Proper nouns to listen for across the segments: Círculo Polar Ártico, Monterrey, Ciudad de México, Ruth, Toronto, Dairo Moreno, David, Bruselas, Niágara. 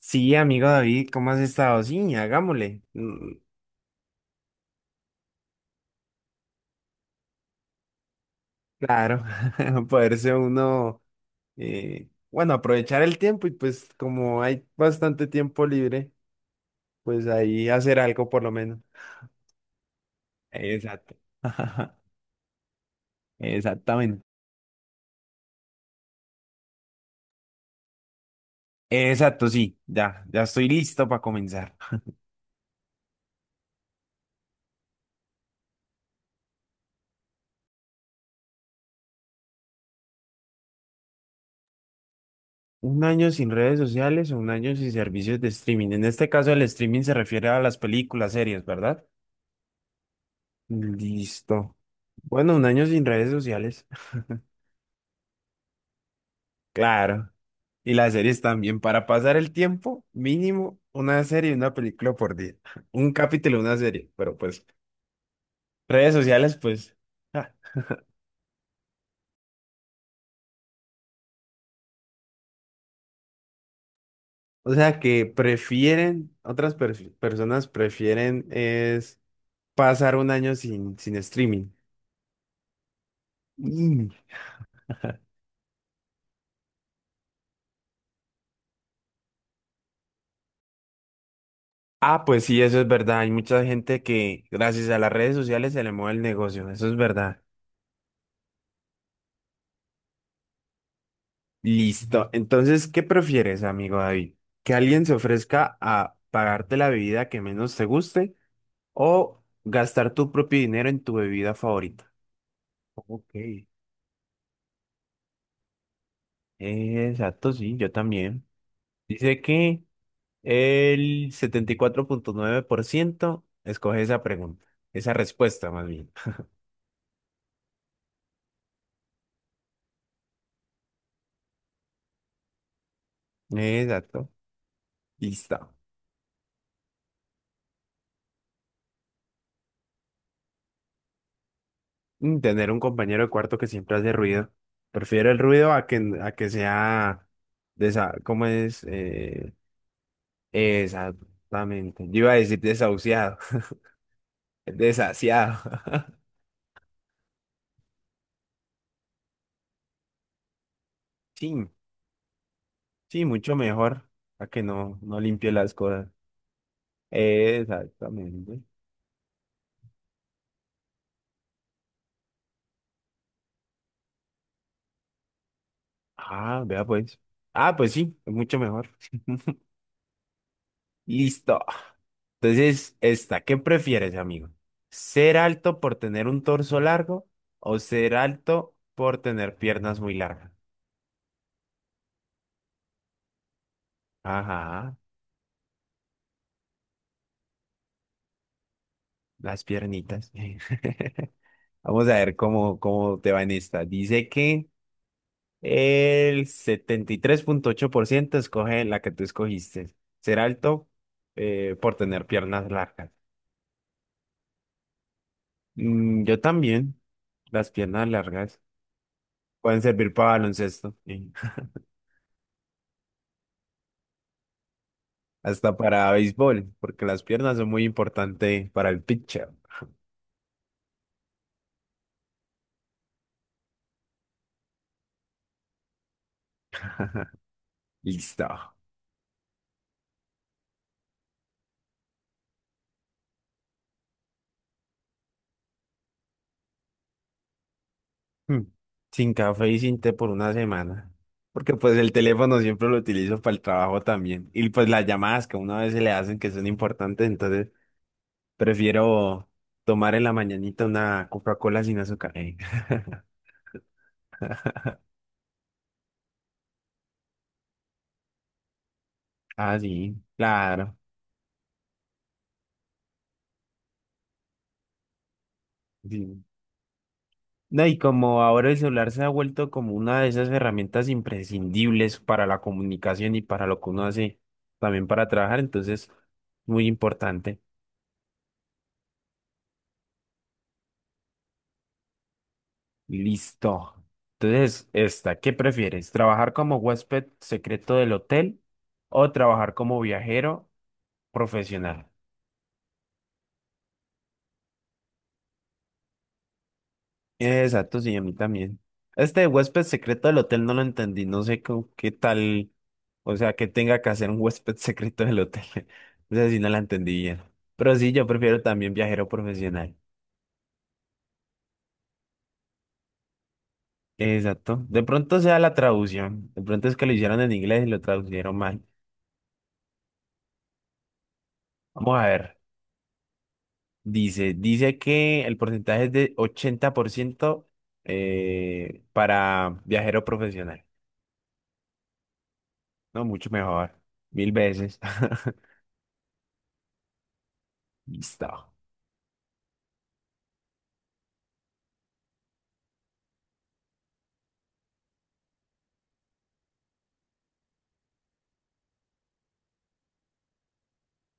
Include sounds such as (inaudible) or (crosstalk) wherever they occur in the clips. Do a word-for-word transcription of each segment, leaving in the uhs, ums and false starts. Sí, amigo David, ¿cómo has estado? Sí, hagámosle. Mm, Claro, (laughs) poderse uno, eh, bueno, aprovechar el tiempo y pues como hay bastante tiempo libre, pues ahí hacer algo por lo menos. Exacto. (laughs) Exactamente. Exacto, sí, ya, ya estoy listo para comenzar. Un año sin redes sociales o un año sin servicios de streaming. En este caso, el streaming se refiere a las películas, series, ¿verdad? Listo. Bueno, un año sin redes sociales. (laughs) Claro. Y las series también, para pasar el tiempo, mínimo una serie y una película por día. (laughs) Un capítulo, una serie. Pero pues, redes sociales, pues. Ah. O sea que prefieren, otras pers- personas prefieren es pasar un año sin, sin streaming. Mm. Ah, pues sí, eso es verdad. Hay mucha gente que gracias a las redes sociales se le mueve el negocio. Eso es verdad. Listo. Entonces, ¿qué prefieres, amigo David? ¿Que alguien se ofrezca a pagarte la bebida que menos te guste o gastar tu propio dinero en tu bebida favorita? Ok. Exacto, sí, yo también. Dice que el setenta y cuatro punto nueve por ciento escoge esa pregunta, esa respuesta más bien. Exacto. Listo. Mm, Tener un compañero de cuarto que siempre hace ruido. Prefiero el ruido a que, a que sea. De esa, ¿cómo es? Eh, Exactamente. Yo iba a decir desahuciado, (laughs) desasiado. (laughs) Sí, sí, mucho mejor a que no, no limpie las cosas. Exactamente. Ah, vea pues. Ah, pues sí, es mucho mejor. Listo. Entonces, esta, ¿qué prefieres, amigo? ¿Ser alto por tener un torso largo o ser alto por tener piernas muy largas? Ajá, las piernitas. (laughs) Vamos a ver cómo, cómo te va en esta. Dice que... El setenta y tres punto ocho por ciento escoge la que tú escogiste. Ser alto eh, por tener piernas largas. Mm, yo también. Las piernas largas pueden servir para baloncesto, y (laughs) hasta para béisbol, porque las piernas son muy importantes para el pitcher. (laughs) Listo. Hmm. Sin café y sin té por una semana. Porque pues el teléfono siempre lo utilizo para el trabajo también. Y pues las llamadas que una vez se le hacen que son importantes, entonces prefiero tomar en la mañanita una Coca-Cola sin azúcar. Eh, (laughs) Ah, sí, claro. Sí. No, y como ahora el celular se ha vuelto como una de esas herramientas imprescindibles para la comunicación y para lo que uno hace también para trabajar, entonces, muy importante. Listo. Entonces, esta, ¿qué prefieres? ¿Trabajar como huésped secreto del hotel o trabajar como viajero profesional? Exacto, sí, a mí también. Este de huésped secreto del hotel no lo entendí, no sé co- qué tal, o sea, que tenga que hacer un huésped (laughs) secreto del hotel. (laughs) O sea, sí no la entendí bien. Pero sí, yo prefiero también viajero profesional. Exacto. De pronto sea la traducción. De pronto es que lo hicieron en inglés y lo traducieron mal. Vamos a ver. Dice, dice que el porcentaje es de ochenta por ciento eh, para viajero profesional. No, mucho mejor. Mil veces. (laughs) Listo.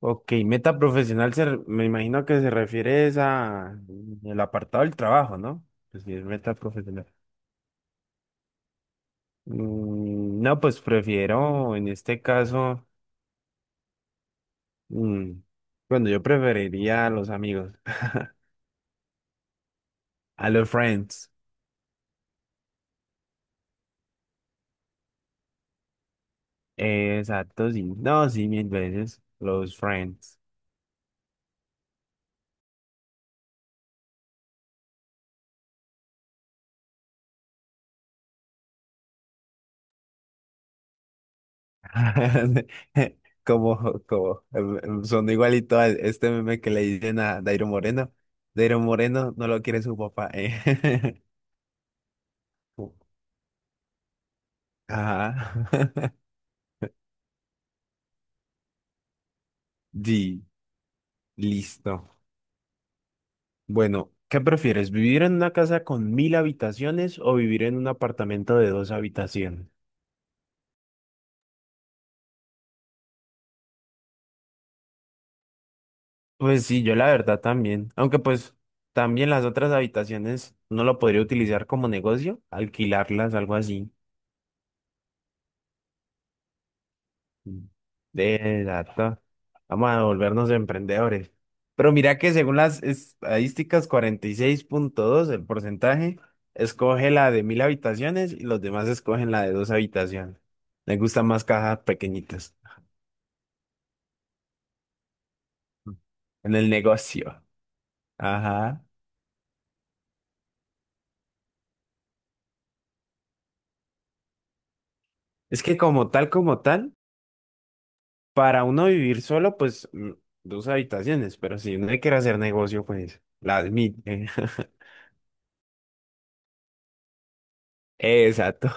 Ok, meta profesional se, re- me imagino que se refiere es a el apartado del trabajo, ¿no? Pues sí, es meta profesional. Mm, no, pues prefiero en este caso, mm, bueno, yo preferiría a los amigos, (laughs) a los friends. Eh, exacto, sí. No, sí, mil veces, los friends. (laughs) Como, como, em, em, son igualito a este meme que le dicen a Dairo Moreno. Dairo Moreno no lo quiere su papá, eh. (laughs) Ah, (laughs) di, listo. Bueno, ¿qué prefieres? ¿Vivir en una casa con mil habitaciones o vivir en un apartamento de dos habitaciones? Pues sí, yo la verdad también. Aunque pues también las otras habitaciones no lo podría utilizar como negocio, alquilarlas, algo así. De dato. Vamos a volvernos emprendedores. Pero mira que según las estadísticas, cuarenta y seis punto dos el porcentaje, escoge la de mil habitaciones y los demás escogen la de dos habitaciones. Les gustan más cajas pequeñitas (laughs) en el negocio. Ajá. Es que como tal, como tal, para uno vivir solo, pues mm, dos habitaciones, pero si uno quiere hacer negocio, pues las mil. (laughs) Exacto.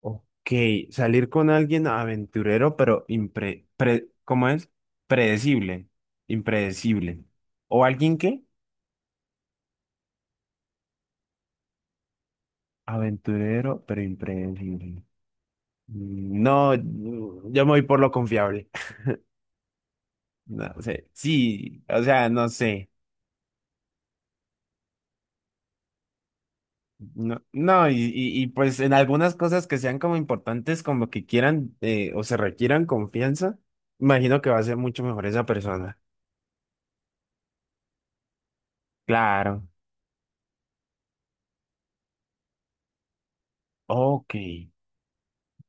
Ok, salir con alguien aventurero, pero impre, pre- ¿cómo es? Predecible, impredecible. ¿O alguien qué? Aventurero, pero impredecible. Mm, No, mm, yo me voy por lo confiable. (laughs) No sé, sí, o sea, no sé. No, no, y, y, y, pues en algunas cosas que sean como importantes, como que quieran eh, o se requieran confianza, imagino que va a ser mucho mejor esa persona. Claro. Ok,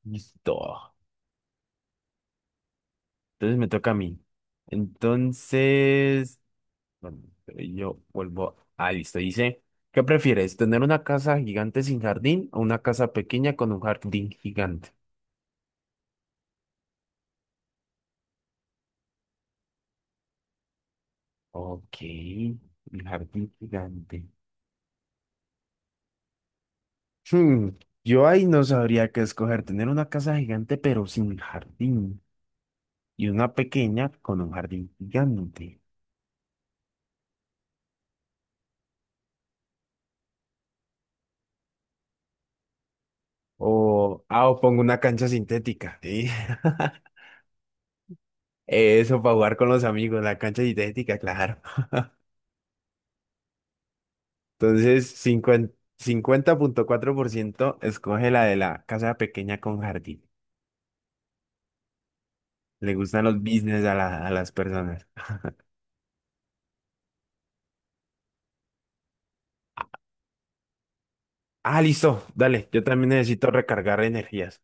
listo. Entonces me toca a mí. Entonces, bueno, pero yo vuelvo. Ah, listo. Dice, ¿qué prefieres? ¿Tener una casa gigante sin jardín o una casa pequeña con un jardín gigante? Ok, un jardín gigante. Hmm. Yo ahí no sabría qué escoger. Tener una casa gigante pero sin jardín y una pequeña con un jardín gigante. O, ah, o pongo una cancha sintética. ¿Sí? (laughs) Eso para jugar con los amigos, la cancha sintética, claro. Entonces, cincuenta cincuenta punto cuatro por ciento escoge la de la casa pequeña con jardín. Le gustan los business a, la- a las personas. Ah, listo, dale, yo también necesito recargar energías.